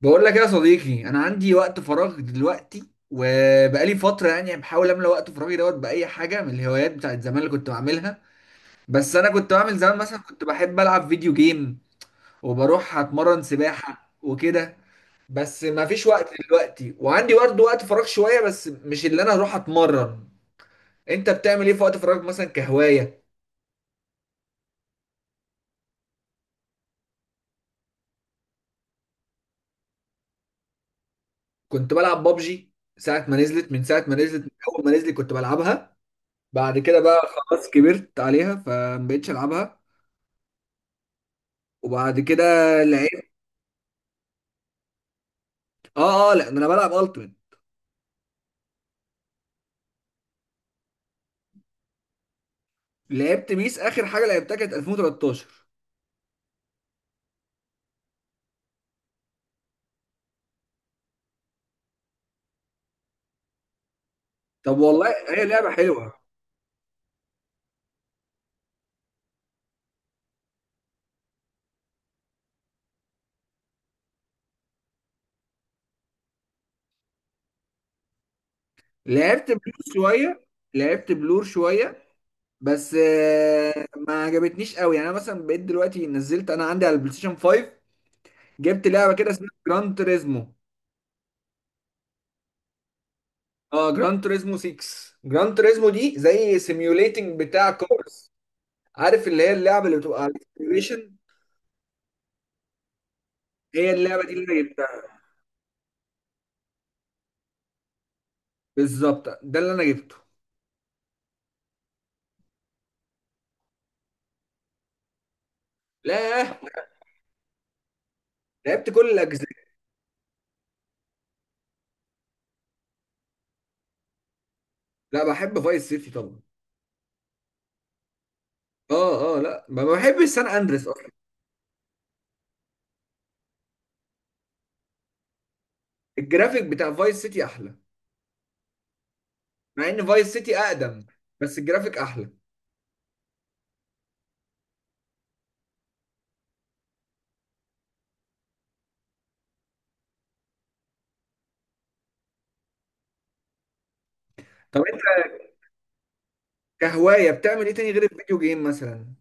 بقول لك يا صديقي، انا عندي وقت فراغ دلوقتي وبقالي فتره. يعني بحاول املى وقت فراغي دوت باي حاجه من الهوايات بتاعت زمان اللي كنت بعملها. بس انا كنت بعمل زمان، مثلا كنت بحب العب فيديو جيم وبروح اتمرن سباحه وكده. بس ما فيش وقت دلوقتي، وعندي برضه وقت فراغ شويه بس مش اللي انا اروح اتمرن. انت بتعمل ايه في وقت فراغك مثلا كهوايه؟ كنت بلعب بابجي. ساعه ما نزلت من ساعه ما نزلت من اول ما نزلت كنت بلعبها. بعد كده بقى خلاص كبرت عليها فمبقتش العبها. وبعد كده لعبت. اه لا، ده انا بلعب التيمت. لعبت بيس، اخر حاجه لعبتها كانت 2013. طب والله هي لعبه حلوه. لعبت بلور شويه. لعبت بلور شويه. بس ما عجبتنيش قوي. يعني انا مثلا بقيت دلوقتي، نزلت انا عندي على البلاي ستيشن 5، جبت لعبه كده اسمها جران تريزمو. اه، جران تريزمو 6. جران تريزمو دي زي سيميوليتنج بتاع كورس، عارف اللي هي اللعبه اللي بتبقى على السيميوليشن. هي اللعبه دي اللي انا جبتها. بالظبط ده اللي انا جبته. لا، لعبت كل الاجزاء. لا، بحب فايس سيتي طبعا. اه لا، ما بحبش سان اندريس اصلا. الجرافيك بتاع فايس سيتي احلى، مع ان فايس سيتي اقدم بس الجرافيك احلى. طب انت كهوايه بتعمل ايه تاني غير الفيديو جيم مثلا؟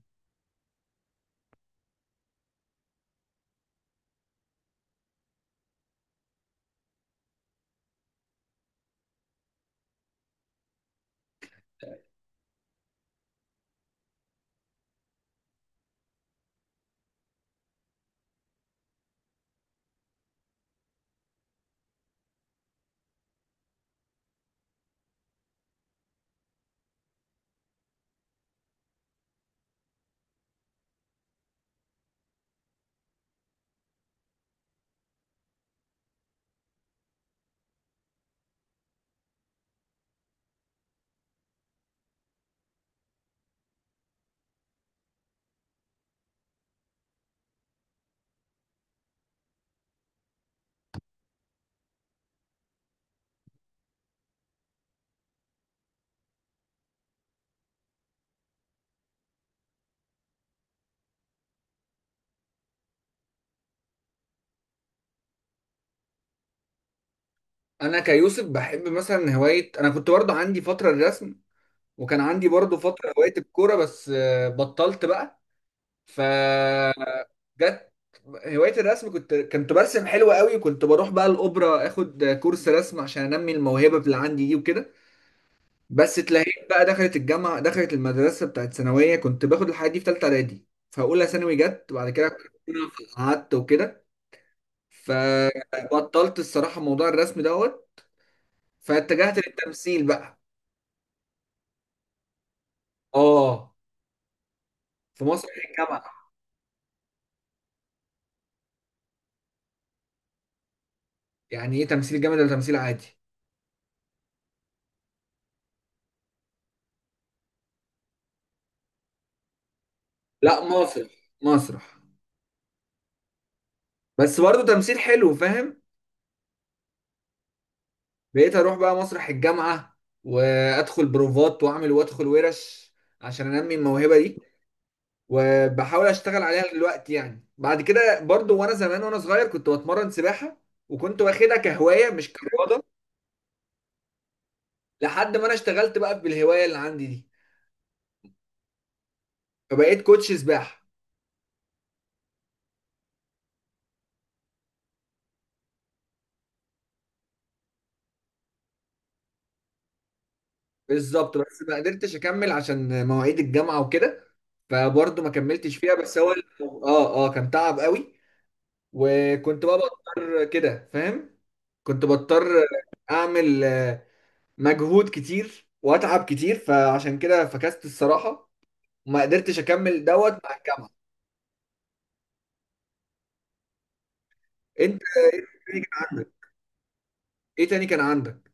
انا كيوسف، بحب مثلا هوايه. انا كنت برضه عندي فتره الرسم، وكان عندي برضه فتره هوايه الكوره. بس بطلت بقى. فجت هوايه الرسم، كنت برسم حلو قوي، وكنت بروح بقى الاوبرا اخد كورس رسم عشان انمي الموهبه اللي عندي دي وكده. بس تلاقيك بقى دخلت الجامعه، دخلت المدرسه بتاعت ثانويه. كنت باخد الحاجات دي في ثالثه اعدادي، فاولى ثانوي جت وبعد كده قعدت وكده. فبطلت الصراحه موضوع الرسم دوت. فاتجهت للتمثيل بقى. اه، في مسرح الجامعه. يعني ايه تمثيل جامد ولا تمثيل عادي؟ لا مسرح، مسرح. بس برضه تمثيل حلو، فاهم. بقيت اروح بقى مسرح الجامعه وادخل بروفات واعمل وادخل ورش عشان انمي الموهبه دي. وبحاول اشتغل عليها دلوقتي. يعني بعد كده برضو، وانا زمان وانا صغير كنت بتمرن سباحة، وكنت واخدها كهواية مش كرياضة، لحد ما انا اشتغلت بقى بالهواية اللي عندي دي فبقيت كوتش سباحة. بالظبط، بس ما قدرتش اكمل عشان مواعيد الجامعة وكده. فبرضو ما كملتش فيها. بس هو اه كان تعب قوي، وكنت بقى بضطر كده، فاهم. كنت بضطر اعمل مجهود كتير واتعب كتير، فعشان كده فكست الصراحة وما قدرتش اكمل دوت مع الجامعه. انت ايه تاني كان عندك؟ ايه تاني كان عندك؟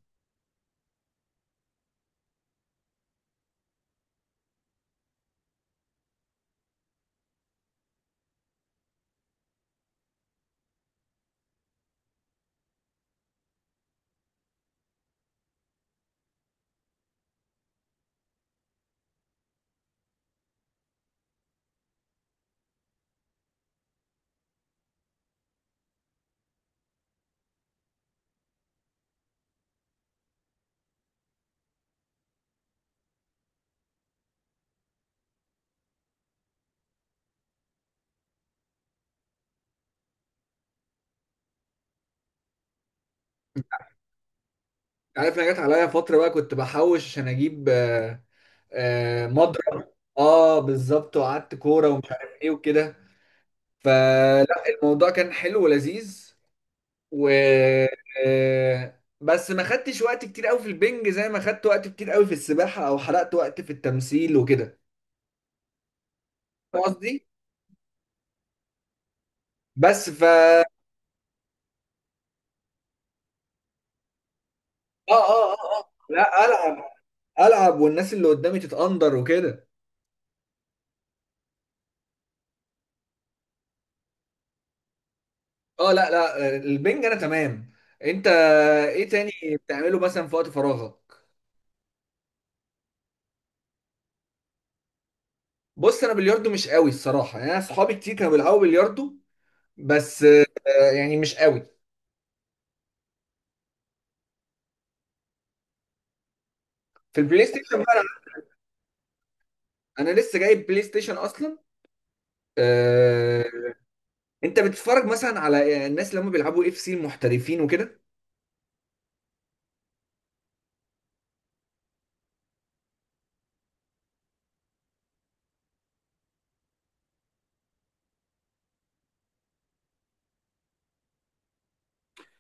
عارف، انا جت عليا فتره بقى كنت بحوش عشان اجيب مضرب. اه بالظبط، وقعدت كوره ومش عارف ايه وكده. فلا، الموضوع كان حلو ولذيذ. و بس ما خدتش وقت كتير قوي في البنج زي ما خدت وقت كتير قوي في السباحه، او حرقت وقت في التمثيل وكده، فاهم قصدي. بس ف اه اه اه آه. لا، العب. العب والناس اللي قدامي تتقندر وكده. اه لا لا، البنج انا تمام. انت ايه تاني بتعمله مثلا في وقت فراغك؟ بص انا بلياردو مش قوي الصراحه. يعني انا اصحابي كتير كانوا بيلعبوا بلياردو، بس يعني مش قوي. في البلاي ستيشن بقى، انا لسه جايب بلاي ستيشن اصلا. آه، انت بتتفرج مثلا على الناس اللي هم بيلعبوا اف سي المحترفين وكده؟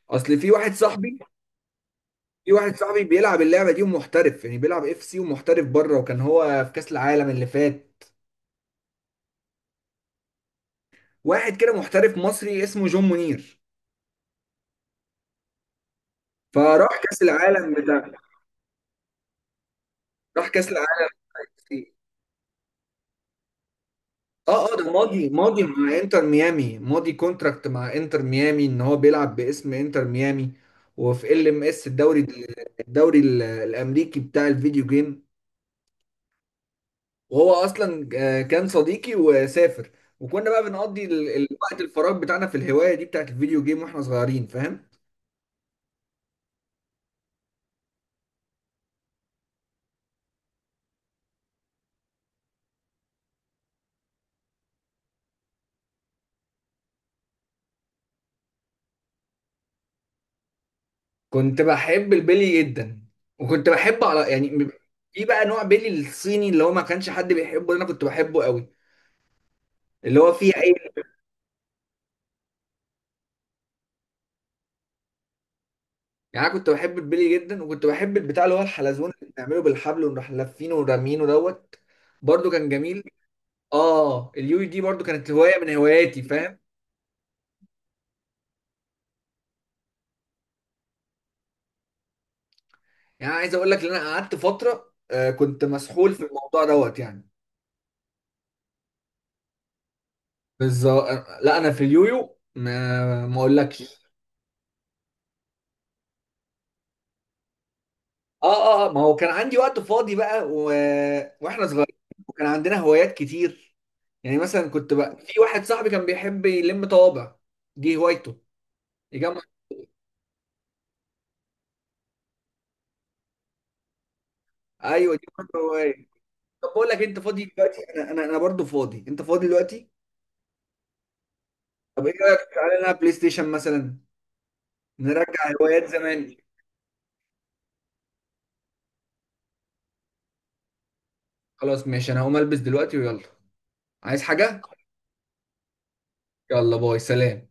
اصل في واحد صاحبي في واحد صاحبي بيلعب اللعبه دي ومحترف، يعني بيلعب اف سي ومحترف بره، وكان هو في كاس العالم اللي فات. واحد كده محترف مصري اسمه جون منير، فراح كاس العالم بتاع، راح كاس العالم. كتير. اه ده ماضي، ماضي مع انتر ميامي، ماضي كونتراكت مع انتر ميامي، ان هو بيلعب باسم انتر ميامي، وفي ال ام اس الدوري، الامريكي بتاع الفيديو جيم. وهو اصلا كان صديقي وسافر، وكنا بقى بنقضي الوقت الفراغ بتاعنا في الهواية دي بتاعت الفيديو جيم واحنا صغيرين، فاهم. كنت بحب البيلي جدا، وكنت بحب على يعني، في بقى نوع بيلي الصيني اللي هو ما كانش حد بيحبه، انا كنت بحبه قوي، اللي هو فيه عين. يعني انا كنت بحب البلي جدا، وكنت بحب البتاع اللي هو الحلزون اللي بنعمله بالحبل ونروح لافينه ورامينه دوت، برضو كان جميل. اه، اليوي دي برضو كانت هوايه من هواياتي، فاهم. يعني عايز اقول لك ان انا قعدت فتره آه كنت مسحول في الموضوع دوت. يعني بالظبط. لا انا في اليويو، ما اقولكش. اه ما هو كان عندي وقت فاضي بقى واحنا صغيرين، وكان عندنا هوايات كتير. يعني مثلا كنت بقى، في واحد صاحبي كان بيحب يلم طوابع، دي هوايته، يجمع. ايوه دي برضه هوايه. طب بقول لك انت فاضي دلوقتي؟ انا انا برضه فاضي. انت فاضي دلوقتي؟ طب ايه رايك تعالى نلعب بلاي ستيشن مثلا، نرجع هوايات زمان. خلاص ماشي، انا هقوم البس دلوقتي ويلا. عايز حاجه؟ يلا، باي، سلام.